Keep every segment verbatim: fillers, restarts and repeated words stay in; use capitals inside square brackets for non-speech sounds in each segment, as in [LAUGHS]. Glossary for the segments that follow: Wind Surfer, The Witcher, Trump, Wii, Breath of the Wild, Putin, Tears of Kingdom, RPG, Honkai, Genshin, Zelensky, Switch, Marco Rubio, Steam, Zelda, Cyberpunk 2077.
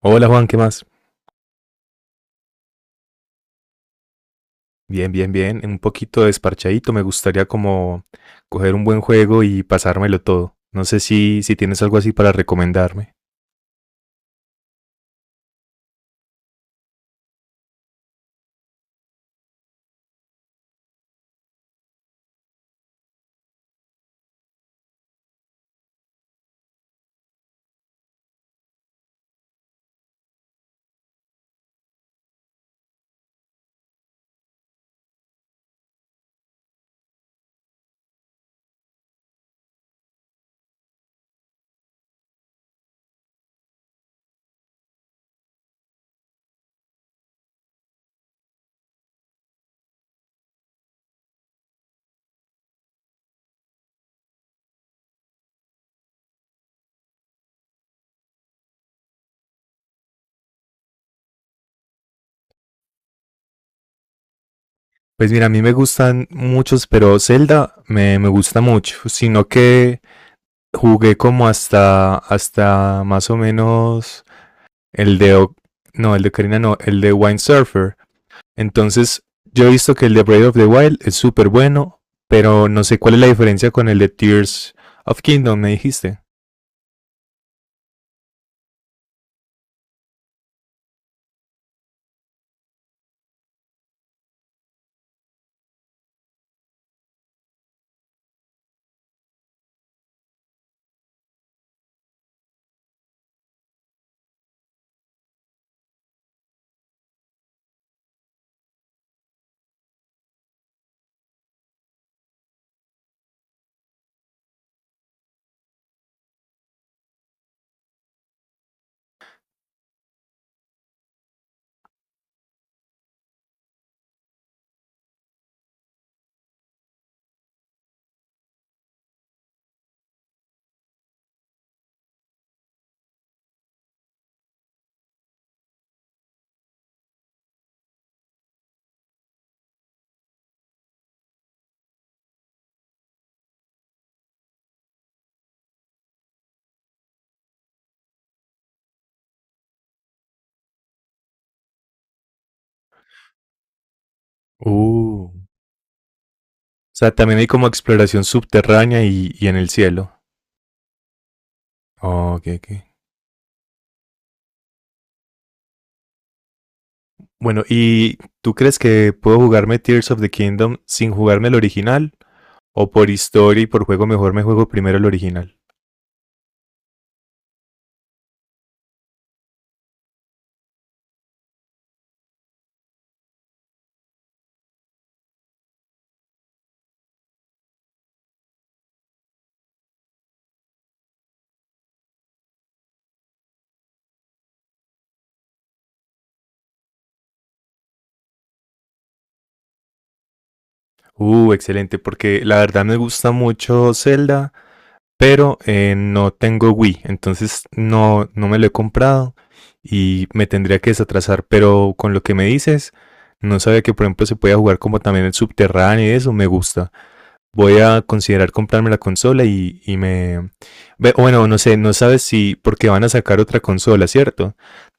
Hola Juan, ¿qué más? Bien, bien, bien. Un poquito desparchadito. Me gustaría como coger un buen juego y pasármelo todo. No sé si, si tienes algo así para recomendarme. Pues mira, a mí me gustan muchos, pero Zelda me, me gusta mucho. Sino que jugué como hasta, hasta más o menos el de... O- No, el de Karina no, el de Wind Surfer. Entonces, yo he visto que el de Breath of the Wild es súper bueno, pero no sé cuál es la diferencia con el de Tears of Kingdom, me dijiste. Uh, o sea, también hay como exploración subterránea y, y en el cielo. Oh, ok, ok. Bueno, ¿y tú crees que puedo jugarme Tears of the Kingdom sin jugarme el original? ¿O por historia y por juego mejor me juego primero el original? Uh, excelente, porque la verdad me gusta mucho Zelda, pero eh, no tengo Wii, entonces no, no me lo he comprado y me tendría que desatrasar, pero con lo que me dices, no sabía que por ejemplo se podía jugar como también el subterráneo y eso me gusta. Voy a considerar comprarme la consola y, y me... Ve- Bueno, no sé, no sabes si... Porque van a sacar otra consola, ¿cierto?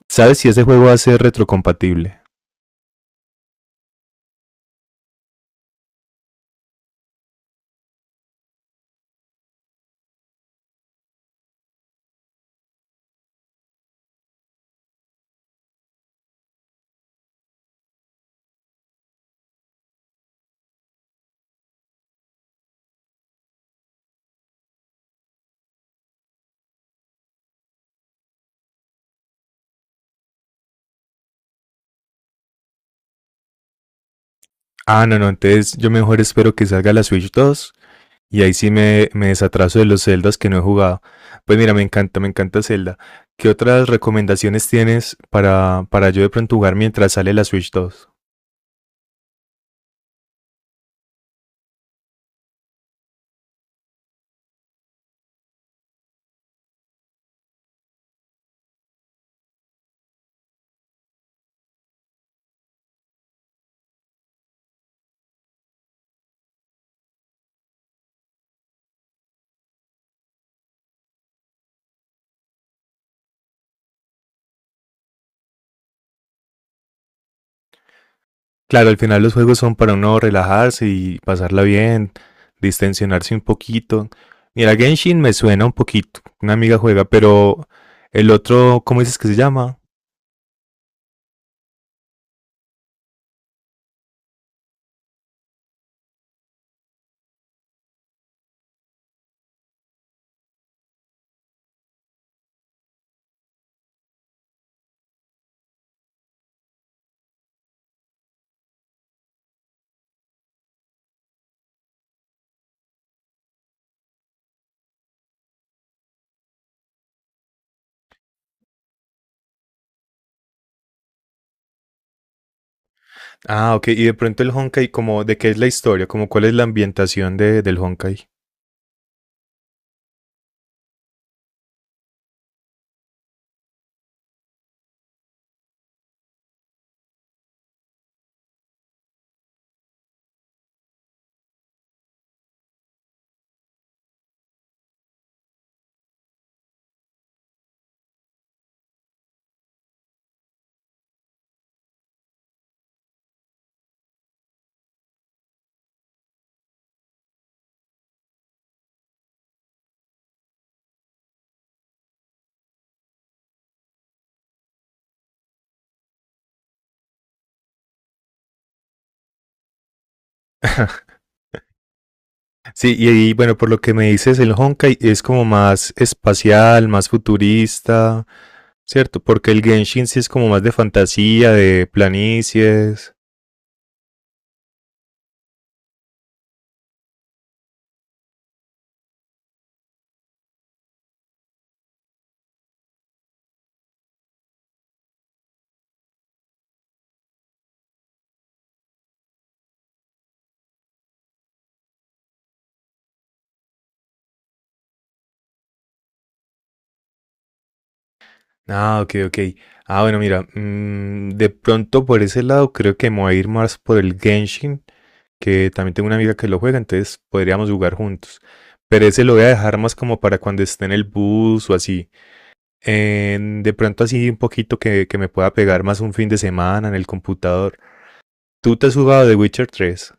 ¿Sabes si ese juego va a ser retrocompatible? Ah, no, no, entonces yo mejor espero que salga la Switch dos y ahí sí me, me desatraso de los Zeldas que no he jugado. Pues mira, me encanta, me encanta Zelda. ¿Qué otras recomendaciones tienes para, para yo de pronto jugar mientras sale la Switch dos? Claro, al final los juegos son para uno relajarse y pasarla bien, distensionarse un poquito. Mira, Genshin me suena un poquito, una amiga juega, pero el otro, ¿cómo dices que se llama? Ah, ok, y de pronto el Honkai, como de qué es la historia, como cuál es la ambientación de, del Honkai. [LAUGHS] Sí, y, ahí, bueno, por lo que me dices, el Honkai es como más espacial, más futurista, ¿cierto? Porque el Genshin sí es como más de fantasía, de planicies. Ah, ok, ok. Ah, bueno, mira, mm, de pronto por ese lado creo que me voy a ir más por el Genshin, que también tengo una amiga que lo juega, entonces podríamos jugar juntos. Pero ese lo voy a dejar más como para cuando esté en el bus o así. En- de pronto así un poquito que, que me pueda pegar más un fin de semana en el computador. ¿Tú te has jugado The Witcher tres?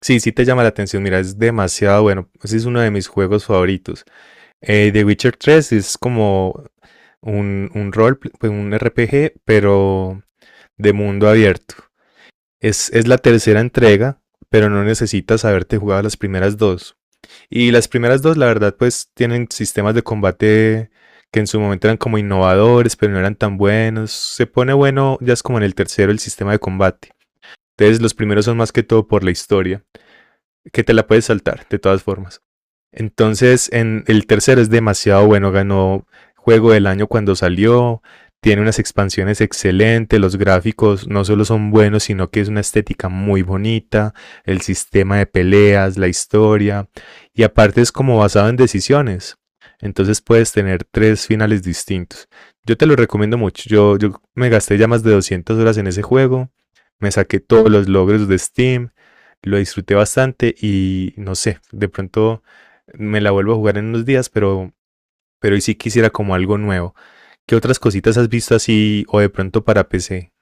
Sí, sí te llama la atención, mira, es demasiado bueno. Ese es uno de mis juegos favoritos. Eh, The Witcher tres es como un, un rol, pues un R P G, pero de mundo abierto. Es, es la tercera entrega, pero no necesitas haberte jugado las primeras dos. Y las primeras dos, la verdad, pues tienen sistemas de combate que en su momento eran como innovadores, pero no eran tan buenos. Se pone bueno, ya es como en el tercero el sistema de combate. Entonces los primeros son más que todo por la historia, que te la puedes saltar de todas formas. Entonces, en el tercero es demasiado bueno, ganó juego del año cuando salió, tiene unas expansiones excelentes, los gráficos no solo son buenos, sino que es una estética muy bonita, el sistema de peleas, la historia, y aparte es como basado en decisiones. Entonces puedes tener tres finales distintos. Yo te lo recomiendo mucho. Yo, yo me gasté ya más de doscientas horas en ese juego. Me saqué todos los logros de Steam. Lo disfruté bastante y no sé, de pronto me la vuelvo a jugar en unos días, pero, pero hoy sí quisiera como algo nuevo. ¿Qué otras cositas has visto así o de pronto para P C?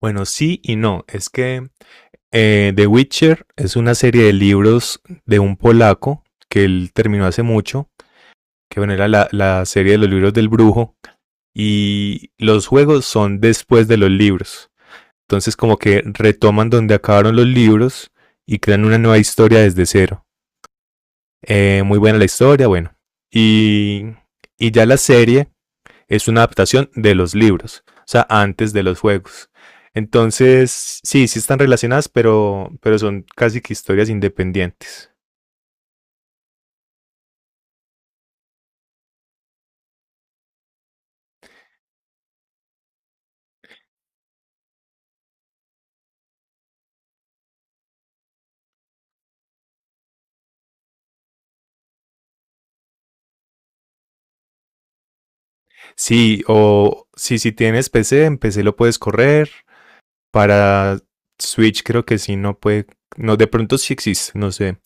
Bueno, sí y no. Es que eh, The Witcher es una serie de libros de un polaco que él terminó hace mucho, que bueno, era la, la serie de los libros del brujo, y los juegos son después de los libros. Entonces como que retoman donde acabaron los libros y crean una nueva historia desde cero. Eh, muy buena la historia, bueno. Y, y ya la serie es una adaptación de los libros, o sea, antes de los juegos. Entonces, sí, sí están relacionadas, pero, pero son casi que historias independientes. Sí, o si, si tienes P C, en P C lo puedes correr. Para Switch creo que sí, no puede. No, de pronto sí existe, no sé.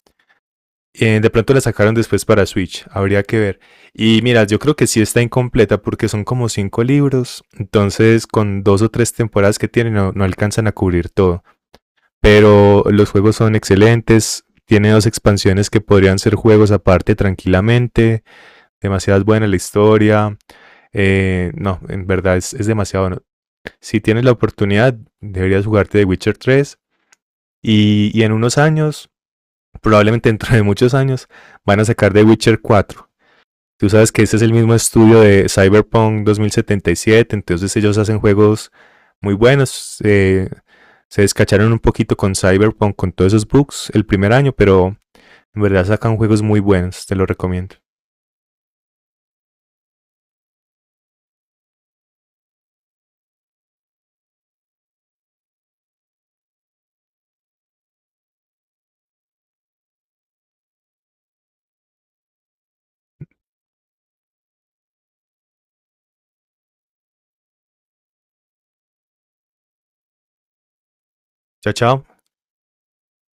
Eh, de pronto la sacaron después para Switch, habría que ver. Y mira, yo creo que sí está incompleta porque son como cinco libros, entonces con dos o tres temporadas que tienen no, no alcanzan a cubrir todo. Pero los juegos son excelentes, tiene dos expansiones que podrían ser juegos aparte tranquilamente, demasiado buena la historia, eh, no, en verdad es, es demasiado bueno. Si tienes la oportunidad, deberías jugarte The Witcher tres y, y en unos años, probablemente dentro de muchos años, van a sacar The Witcher cuatro. Tú sabes que este es el mismo estudio de Cyberpunk dos mil setenta y siete, entonces ellos hacen juegos muy buenos. Eh, se descacharon un poquito con Cyberpunk, con todos esos bugs el primer año, pero en verdad sacan juegos muy buenos, te lo recomiendo. Chao, chao.